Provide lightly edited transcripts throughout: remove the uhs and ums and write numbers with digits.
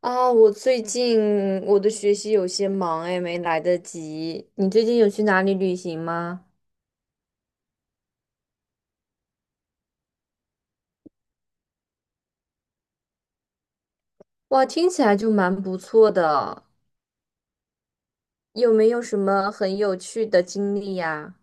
啊，我最近我的学习有些忙哎，没来得及。你最近有去哪里旅行吗？哇，听起来就蛮不错的，有没有什么很有趣的经历呀？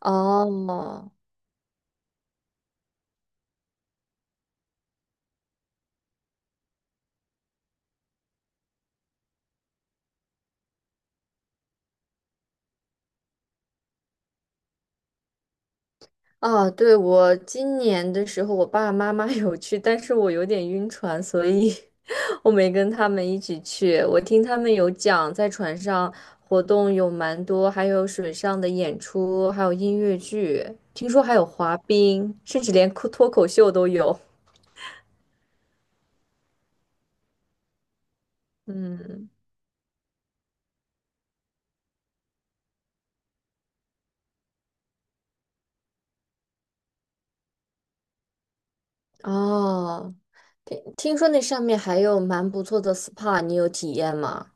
哦，啊，对，我今年的时候，我爸爸妈妈 有去，但是我有点晕船，所以 我没跟他们一起去。我听他们有讲，在船上活动有蛮多，还有水上的演出，还有音乐剧，听说还有滑冰，甚至连脱口秀都有。嗯，哦，听说那上面还有蛮不错的 SPA，你有体验吗？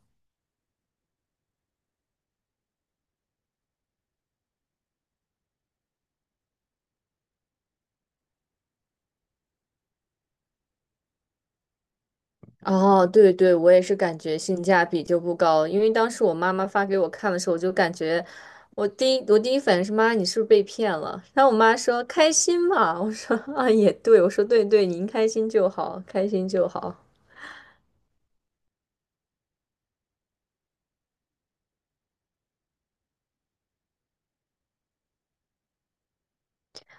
哦，对对，我也是感觉性价比就不高，因为当时我妈妈发给我看的时候，我就感觉我第一反应是妈，你是不是被骗了？然后我妈说开心嘛，我说啊也对，我说对对，您开心就好，开心就好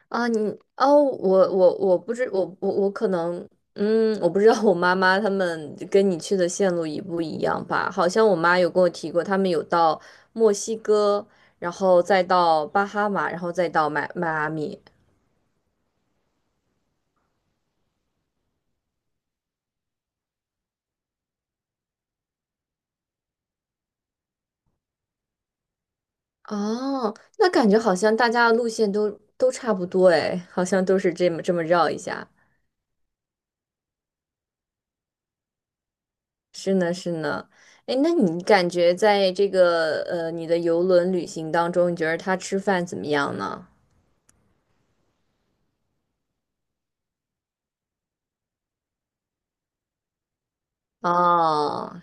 啊。你哦，我可能嗯，我不知道我妈妈他们跟你去的线路一不一样吧？好像我妈有跟我提过，他们有到墨西哥，然后再到巴哈马，然后再到迈阿密。哦，那感觉好像大家的路线都都差不多哎，好像都是这么绕一下。是呢，是呢。哎，那你感觉在这个你的游轮旅行当中，你觉得他吃饭怎么样呢？哦，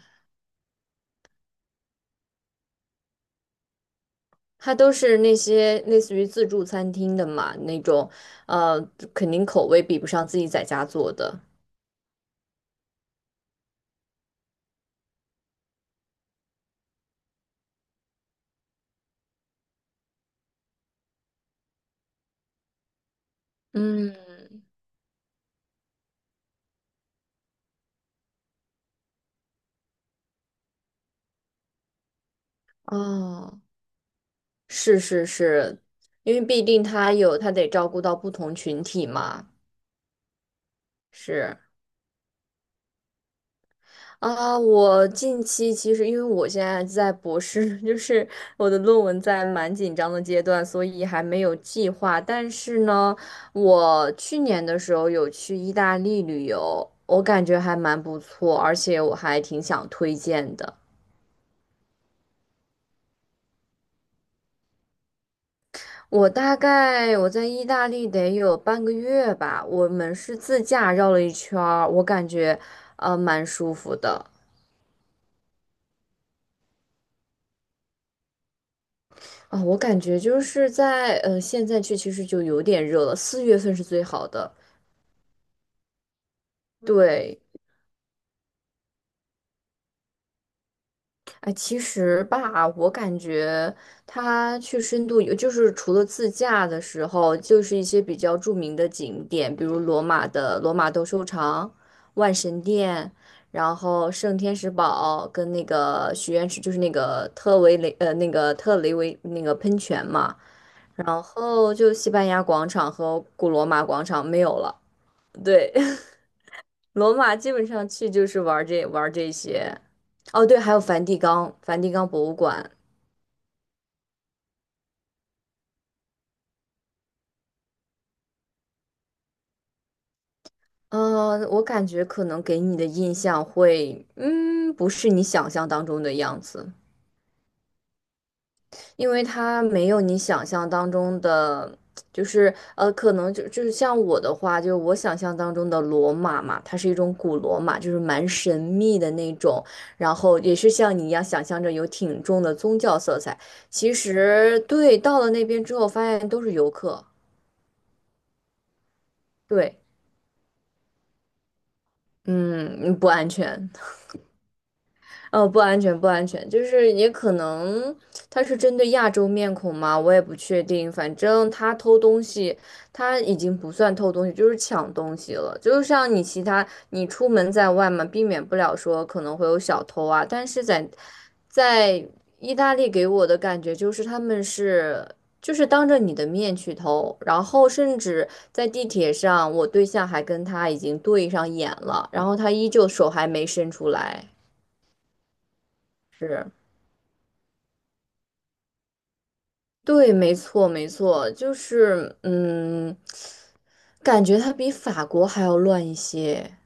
它都是那些类似于自助餐厅的嘛，那种呃肯定口味比不上自己在家做的。嗯，哦，是是是，因为毕竟他有他得照顾到不同群体嘛，是。啊，我近期其实因为我现在在博士，就是我的论文在蛮紧张的阶段，所以还没有计划。但是呢，我去年的时候有去意大利旅游，我感觉还蛮不错，而且我还挺想推荐的。大概我在意大利得有半个月吧，我们是自驾绕了一圈儿，我感觉蛮舒服的。啊，我感觉就是在现在去其实就有点热了，四月份是最好的。对，哎，其实吧，我感觉它去深度游，就是除了自驾的时候，就是一些比较著名的景点，比如罗马的罗马斗兽场、万神殿，然后圣天使堡跟那个许愿池，就是那个特维雷呃那个特雷维那个喷泉嘛，然后就西班牙广场和古罗马广场没有了。对，罗马基本上去就是玩儿这些。哦，对，还有梵蒂冈，梵蒂冈博物馆。嗯，我感觉可能给你的印象会，不是你想象当中的样子。因为它没有你想象当中的，就是可能就是像我的话，就是我想象当中的罗马嘛，它是一种古罗马，就是蛮神秘的那种，然后也是像你一样想象着有挺重的宗教色彩。其实对，到了那边之后发现都是游客，对，嗯，不安全。哦，不安全，不安全，就是也可能他是针对亚洲面孔嘛，我也不确定。反正他偷东西，他已经不算偷东西，就是抢东西了。就像你其他，你出门在外嘛，避免不了说可能会有小偷啊。但是在意大利给我的感觉就是他们是就是当着你的面去偷，然后甚至在地铁上，我对象还跟他已经对上眼了，然后他依旧手还没伸出来，是。对，没错，没错，就是感觉它比法国还要乱一些。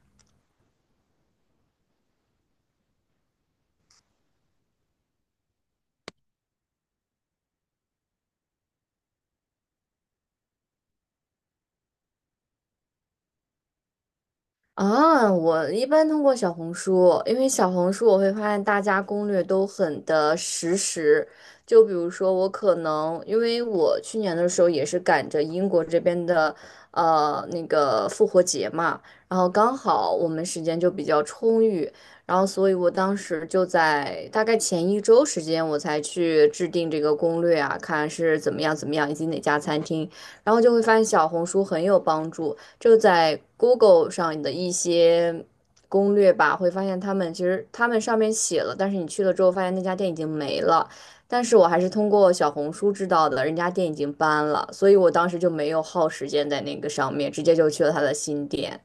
啊，我一般通过小红书，因为小红书我会发现大家攻略都很的实时。就比如说，我可能因为我去年的时候也是赶着英国这边的那个复活节嘛，然后刚好我们时间就比较充裕，然后所以我当时就在大概前一周时间我才去制定这个攻略啊，看是怎么样怎么样，以及哪家餐厅，然后就会发现小红书很有帮助。就在 Google 上的一些攻略吧，会发现他们其实他们上面写了，但是你去了之后发现那家店已经没了。但是我还是通过小红书知道的，人家店已经搬了，所以我当时就没有耗时间在那个上面，直接就去了他的新店。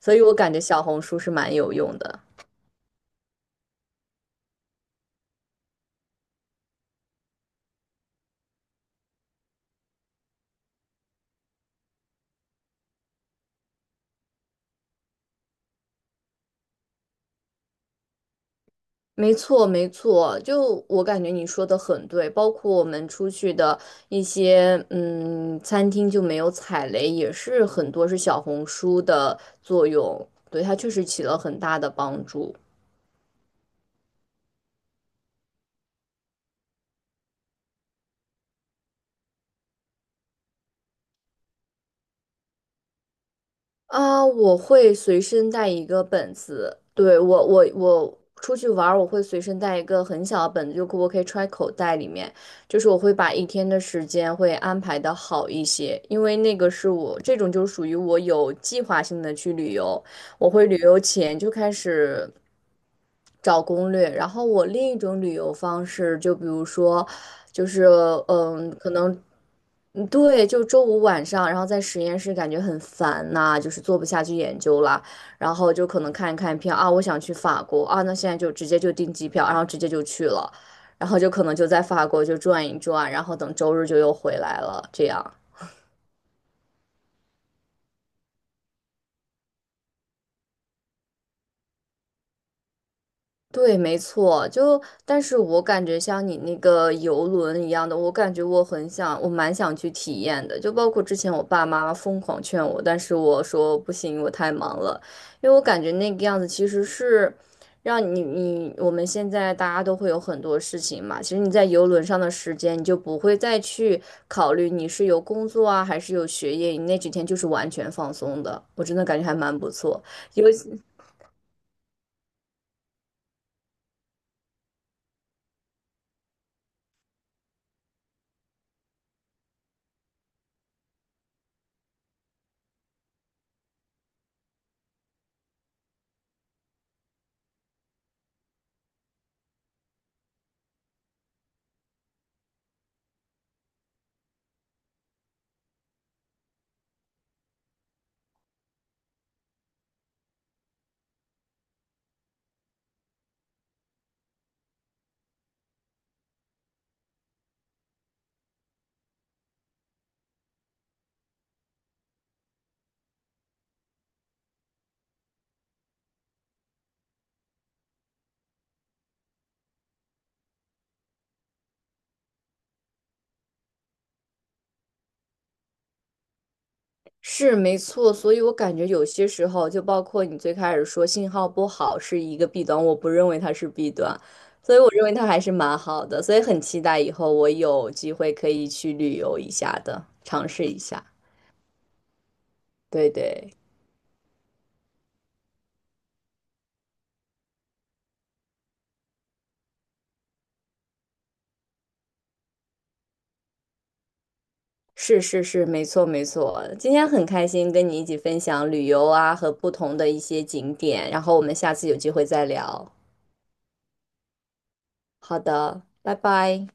所以我感觉小红书是蛮有用的。没错，没错，就我感觉你说的很对，包括我们出去的一些餐厅就没有踩雷，也是很多是小红书的作用，对，它确实起了很大的帮助。啊，我会随身带一个本子，对，我出去玩儿我会随身带一个很小的本子，就我可以揣口袋里面，就是我会把一天的时间会安排的好一些，因为那个是我这种就属于我有计划性的去旅游，我会旅游前就开始找攻略，然后我另一种旅游方式，就比如说，就是可能。嗯，对，就周五晚上，然后在实验室感觉很烦呐、就是做不下去研究了，然后就可能看一看票啊，我想去法国啊，那现在就直接就订机票，然后直接就去了，然后就可能就在法国就转一转，然后等周日就又回来了，这样。对，没错，就但是我感觉像你那个游轮一样的，我感觉我很想，我蛮想去体验的。就包括之前我爸妈疯狂劝我，但是我说不行，我太忙了，因为我感觉那个样子其实是让你我们现在大家都会有很多事情嘛，其实你在游轮上的时间，你就不会再去考虑你是有工作啊还是有学业，你那几天就是完全放松的。我真的感觉还蛮不错，尤其。是没错，所以我感觉有些时候，就包括你最开始说信号不好是一个弊端，我不认为它是弊端，所以我认为它还是蛮好的，所以很期待以后我有机会可以去旅游一下的，尝试一下。对对，是是是，没错没错。今天很开心跟你一起分享旅游啊和不同的一些景点，然后我们下次有机会再聊。好的，拜拜。